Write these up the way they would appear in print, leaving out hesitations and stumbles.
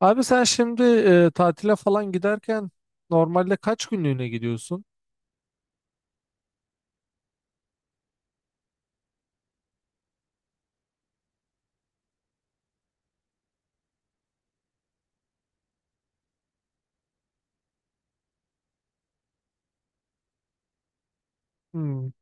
Abi sen şimdi tatile falan giderken normalde kaç günlüğüne gidiyorsun? Hmm,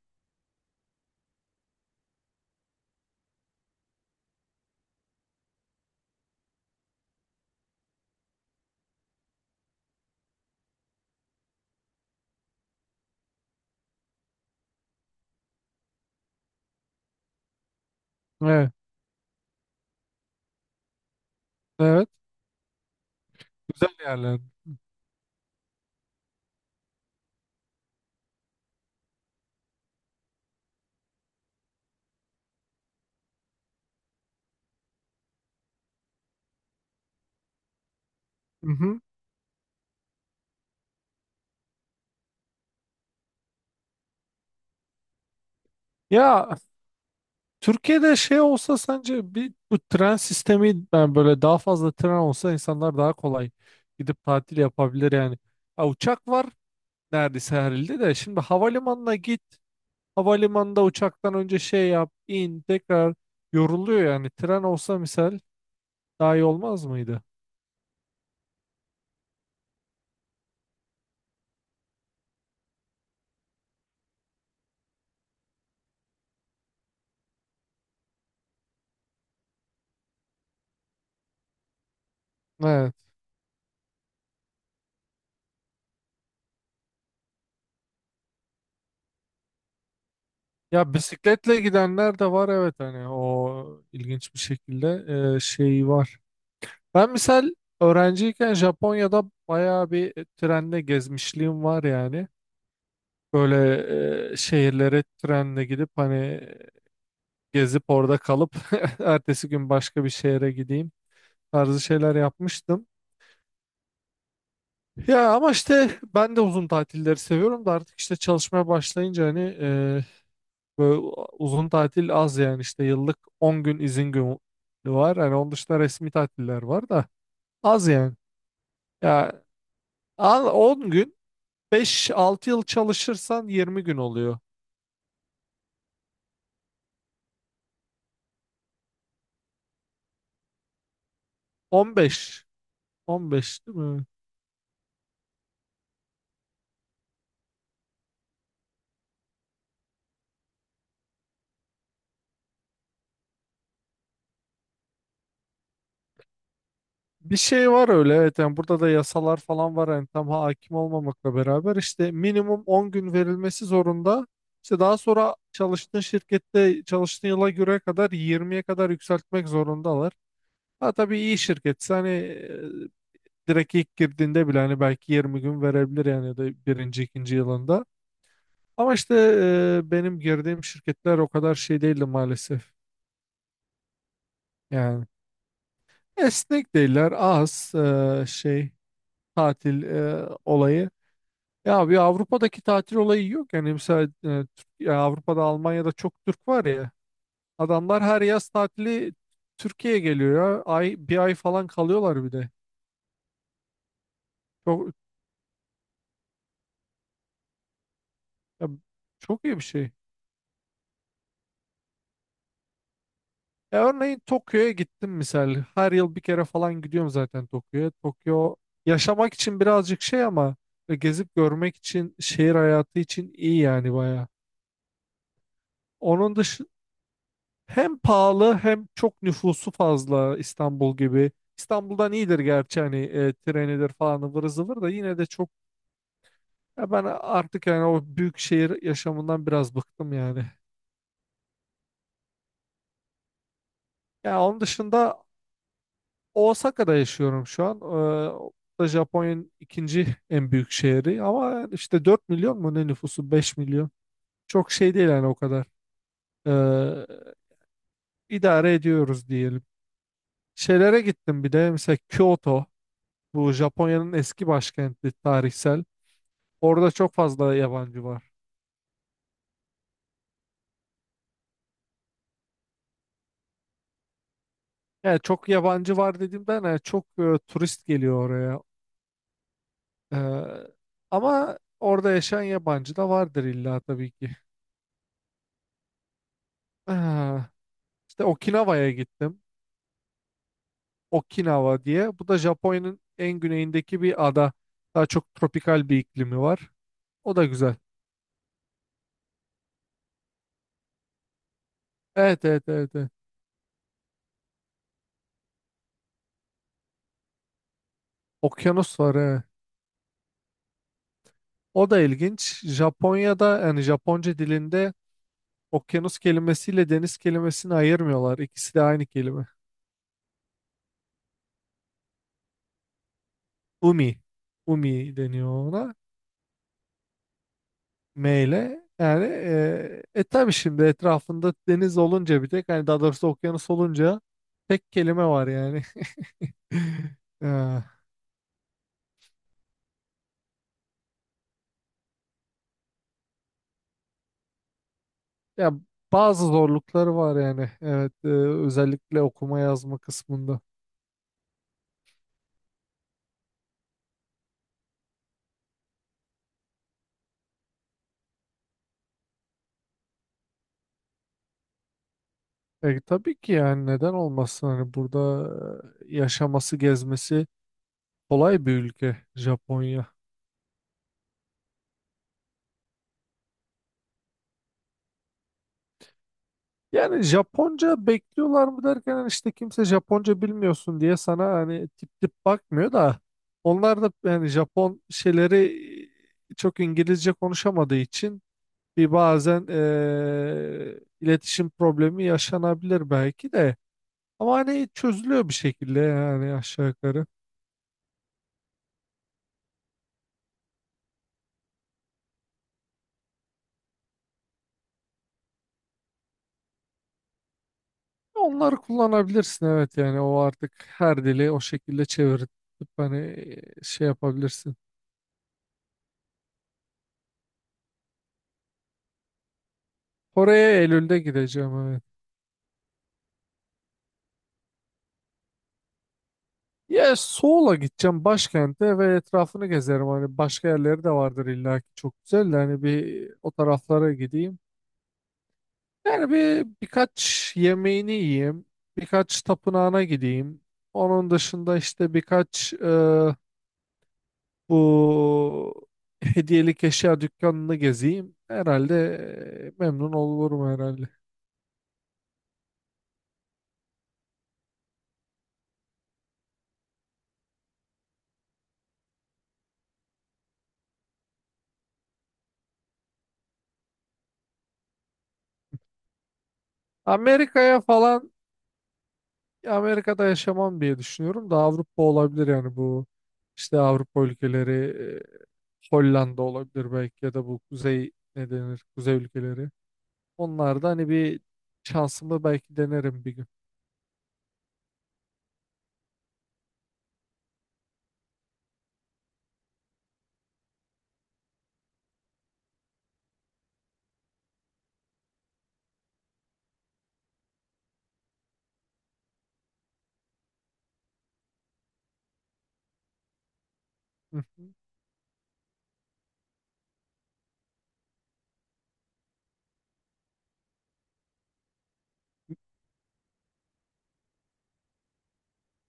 evet, evet. Güzel yerler. Mhm. Ya Türkiye'de şey olsa sence bir bu tren sistemi, yani böyle daha fazla tren olsa insanlar daha kolay gidip tatil yapabilir yani. Ha, uçak var neredeyse her ilde de, şimdi havalimanına git, havalimanında uçaktan önce şey yap in, tekrar yoruluyor yani. Tren olsa misal daha iyi olmaz mıydı? Evet. Ya bisikletle gidenler de var, evet, hani o ilginç bir şekilde şey var. Ben misal öğrenciyken Japonya'da bayağı bir trenle gezmişliğim var yani. Böyle şehirlere trenle gidip hani gezip orada kalıp ertesi gün başka bir şehre gideyim tarzı şeyler yapmıştım. Ya ama işte ben de uzun tatilleri seviyorum da artık işte çalışmaya başlayınca hani böyle uzun tatil az, yani işte yıllık 10 gün izin günü var. Hani onun dışında resmi tatiller var da az yani. Ya al 10 gün, 5-6 yıl çalışırsan 20 gün oluyor. 15, 15 değil mi? Bir şey var öyle, evet. Yani burada da yasalar falan var, yani tam hakim olmamakla beraber işte minimum 10 gün verilmesi zorunda. İşte daha sonra çalıştığın şirkette, çalıştığın yıla göre kadar 20'ye kadar yükseltmek zorundalar. Ha, tabii iyi şirketse hani direkt ilk girdiğinde bile hani belki 20 gün verebilir, yani, ya da birinci, ikinci yılında. Ama işte benim girdiğim şirketler o kadar şey değildi maalesef. Yani esnek değiller, az şey, tatil olayı. Ya bir Avrupa'daki tatil olayı yok, yani mesela ya, Avrupa'da Almanya'da çok Türk var ya, adamlar her yaz tatili Türkiye'ye geliyor ya, ay, bir ay falan kalıyorlar bir de. Çok, ya çok iyi bir şey. Ya örneğin Tokyo'ya gittim misal. Her yıl bir kere falan gidiyorum zaten Tokyo'ya. Tokyo yaşamak için birazcık şey, ama gezip görmek için, şehir hayatı için iyi yani baya. Onun dışı hem pahalı hem çok nüfusu fazla, İstanbul gibi. İstanbul'dan iyidir gerçi hani trenidir falan ıvır zıvır da, yine de çok, ya ben artık yani o büyük şehir yaşamından biraz bıktım yani. Ya onun dışında Osaka'da yaşıyorum şu an. O da Japonya'nın ikinci en büyük şehri, ama işte 4 milyon mu ne, nüfusu 5 milyon. Çok şey değil yani o kadar. Ee, idare ediyoruz diyelim. Şeylere gittim bir de, mesela Kyoto, bu Japonya'nın eski başkenti, tarihsel. Orada çok fazla yabancı var. Yani çok yabancı var dediğimden, yani çok turist geliyor oraya. Ee, Ama orada yaşayan yabancı da vardır illa, tabii ki. Ah, işte Okinawa'ya gittim. Okinawa diye. Bu da Japonya'nın en güneyindeki bir ada. Daha çok tropikal bir iklimi var. O da güzel. Evet, evet, evet, evet. Okyanus var, evet. O da ilginç. Japonya'da, yani Japonca dilinde, okyanus kelimesiyle deniz kelimesini ayırmıyorlar. İkisi de aynı kelime. Umi. Umi deniyor ona. M ile. Yani tabii şimdi etrafında deniz olunca bir tek, hani daha doğrusu okyanus olunca tek kelime var yani. Ha. Ya, bazı zorlukları var yani. Evet, özellikle okuma yazma kısmında. Tabii ki, yani neden olmasın hani, burada yaşaması, gezmesi kolay bir ülke Japonya. Yani Japonca bekliyorlar mı derken, hani işte kimse Japonca bilmiyorsun diye sana hani tip tip bakmıyor da, onlar da yani Japon şeyleri çok İngilizce konuşamadığı için bir, bazen iletişim problemi yaşanabilir belki de. Ama hani çözülüyor bir şekilde yani, aşağı yukarı. Onları kullanabilirsin, evet. Yani o artık her dili o şekilde çevirip hani şey yapabilirsin. Kore'ye Eylül'de gideceğim, evet. Ya Seoul'a gideceğim, başkente, ve etrafını gezerim hani, başka yerleri de vardır illa ki çok güzel de, hani bir o taraflara gideyim. Yani bir, birkaç yemeğini yiyeyim, birkaç tapınağına gideyim. Onun dışında işte birkaç bu hediyelik eşya dükkanını gezeyim herhalde. Memnun olurum herhalde. Amerika'ya falan Amerika'da yaşamam diye düşünüyorum da, Avrupa olabilir yani, bu işte Avrupa ülkeleri, Hollanda olabilir belki, ya da bu kuzey, ne denir, kuzey ülkeleri. Onlarda hani bir şansımı belki denerim bir gün. Hı hı.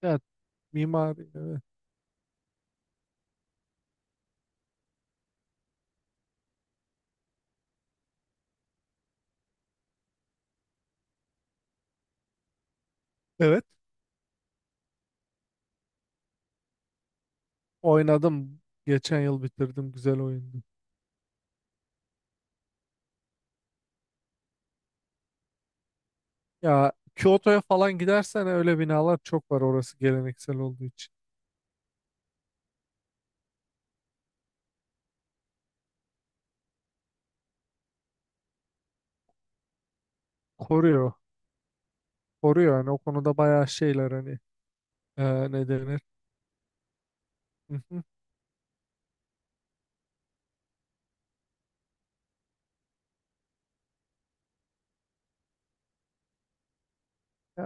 Evet, mimari, evet. Evet, oynadım, geçen yıl bitirdim, güzel oyundu. Ya Kyoto'ya falan gidersen öyle binalar çok var, orası geleneksel olduğu için. Koruyor. Koruyor, yani o konuda bayağı şeyler hani, ne denir? Hı hı. Ya,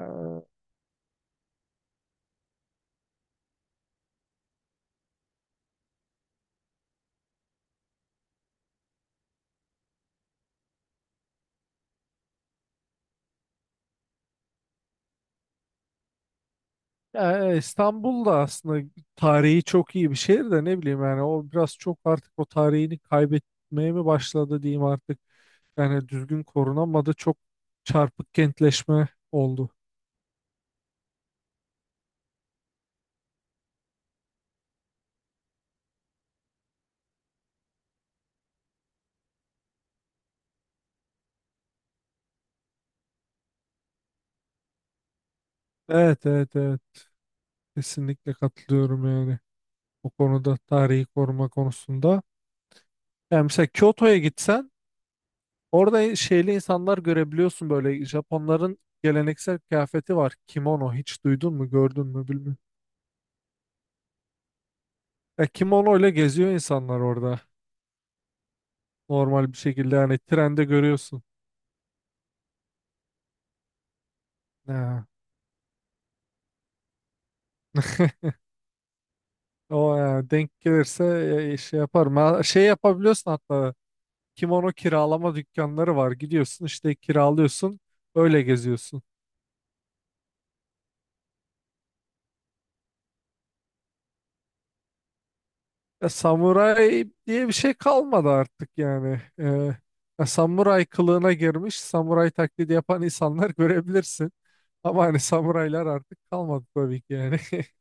ya, İstanbul da aslında tarihi çok iyi bir şehir de, ne bileyim yani o biraz çok artık o tarihini kaybetmeye mi başladı diyeyim artık. Yani düzgün korunamadı, çok çarpık kentleşme oldu. Evet, evet, evet, kesinlikle katılıyorum yani, o konuda, tarihi koruma konusunda. Yani mesela Kyoto'ya gitsen, orada şeyli insanlar görebiliyorsun, böyle Japonların geleneksel kıyafeti var. Kimono, hiç duydun mu, gördün mü, bilmiyorum. Ya kimono ile geziyor insanlar orada. Normal bir şekilde, yani trende görüyorsun. Ha, O ya, denk gelirse şey yaparım. Ha, Şey yapabiliyorsun hatta, kimono kiralama dükkanları var. Gidiyorsun işte kiralıyorsun, öyle geziyorsun. Ya, samuray diye bir şey kalmadı artık yani. Ya, samuray kılığına girmiş, samuray taklidi yapan insanlar görebilirsin. Ama hani samuraylar artık kalmadı tabii ki yani.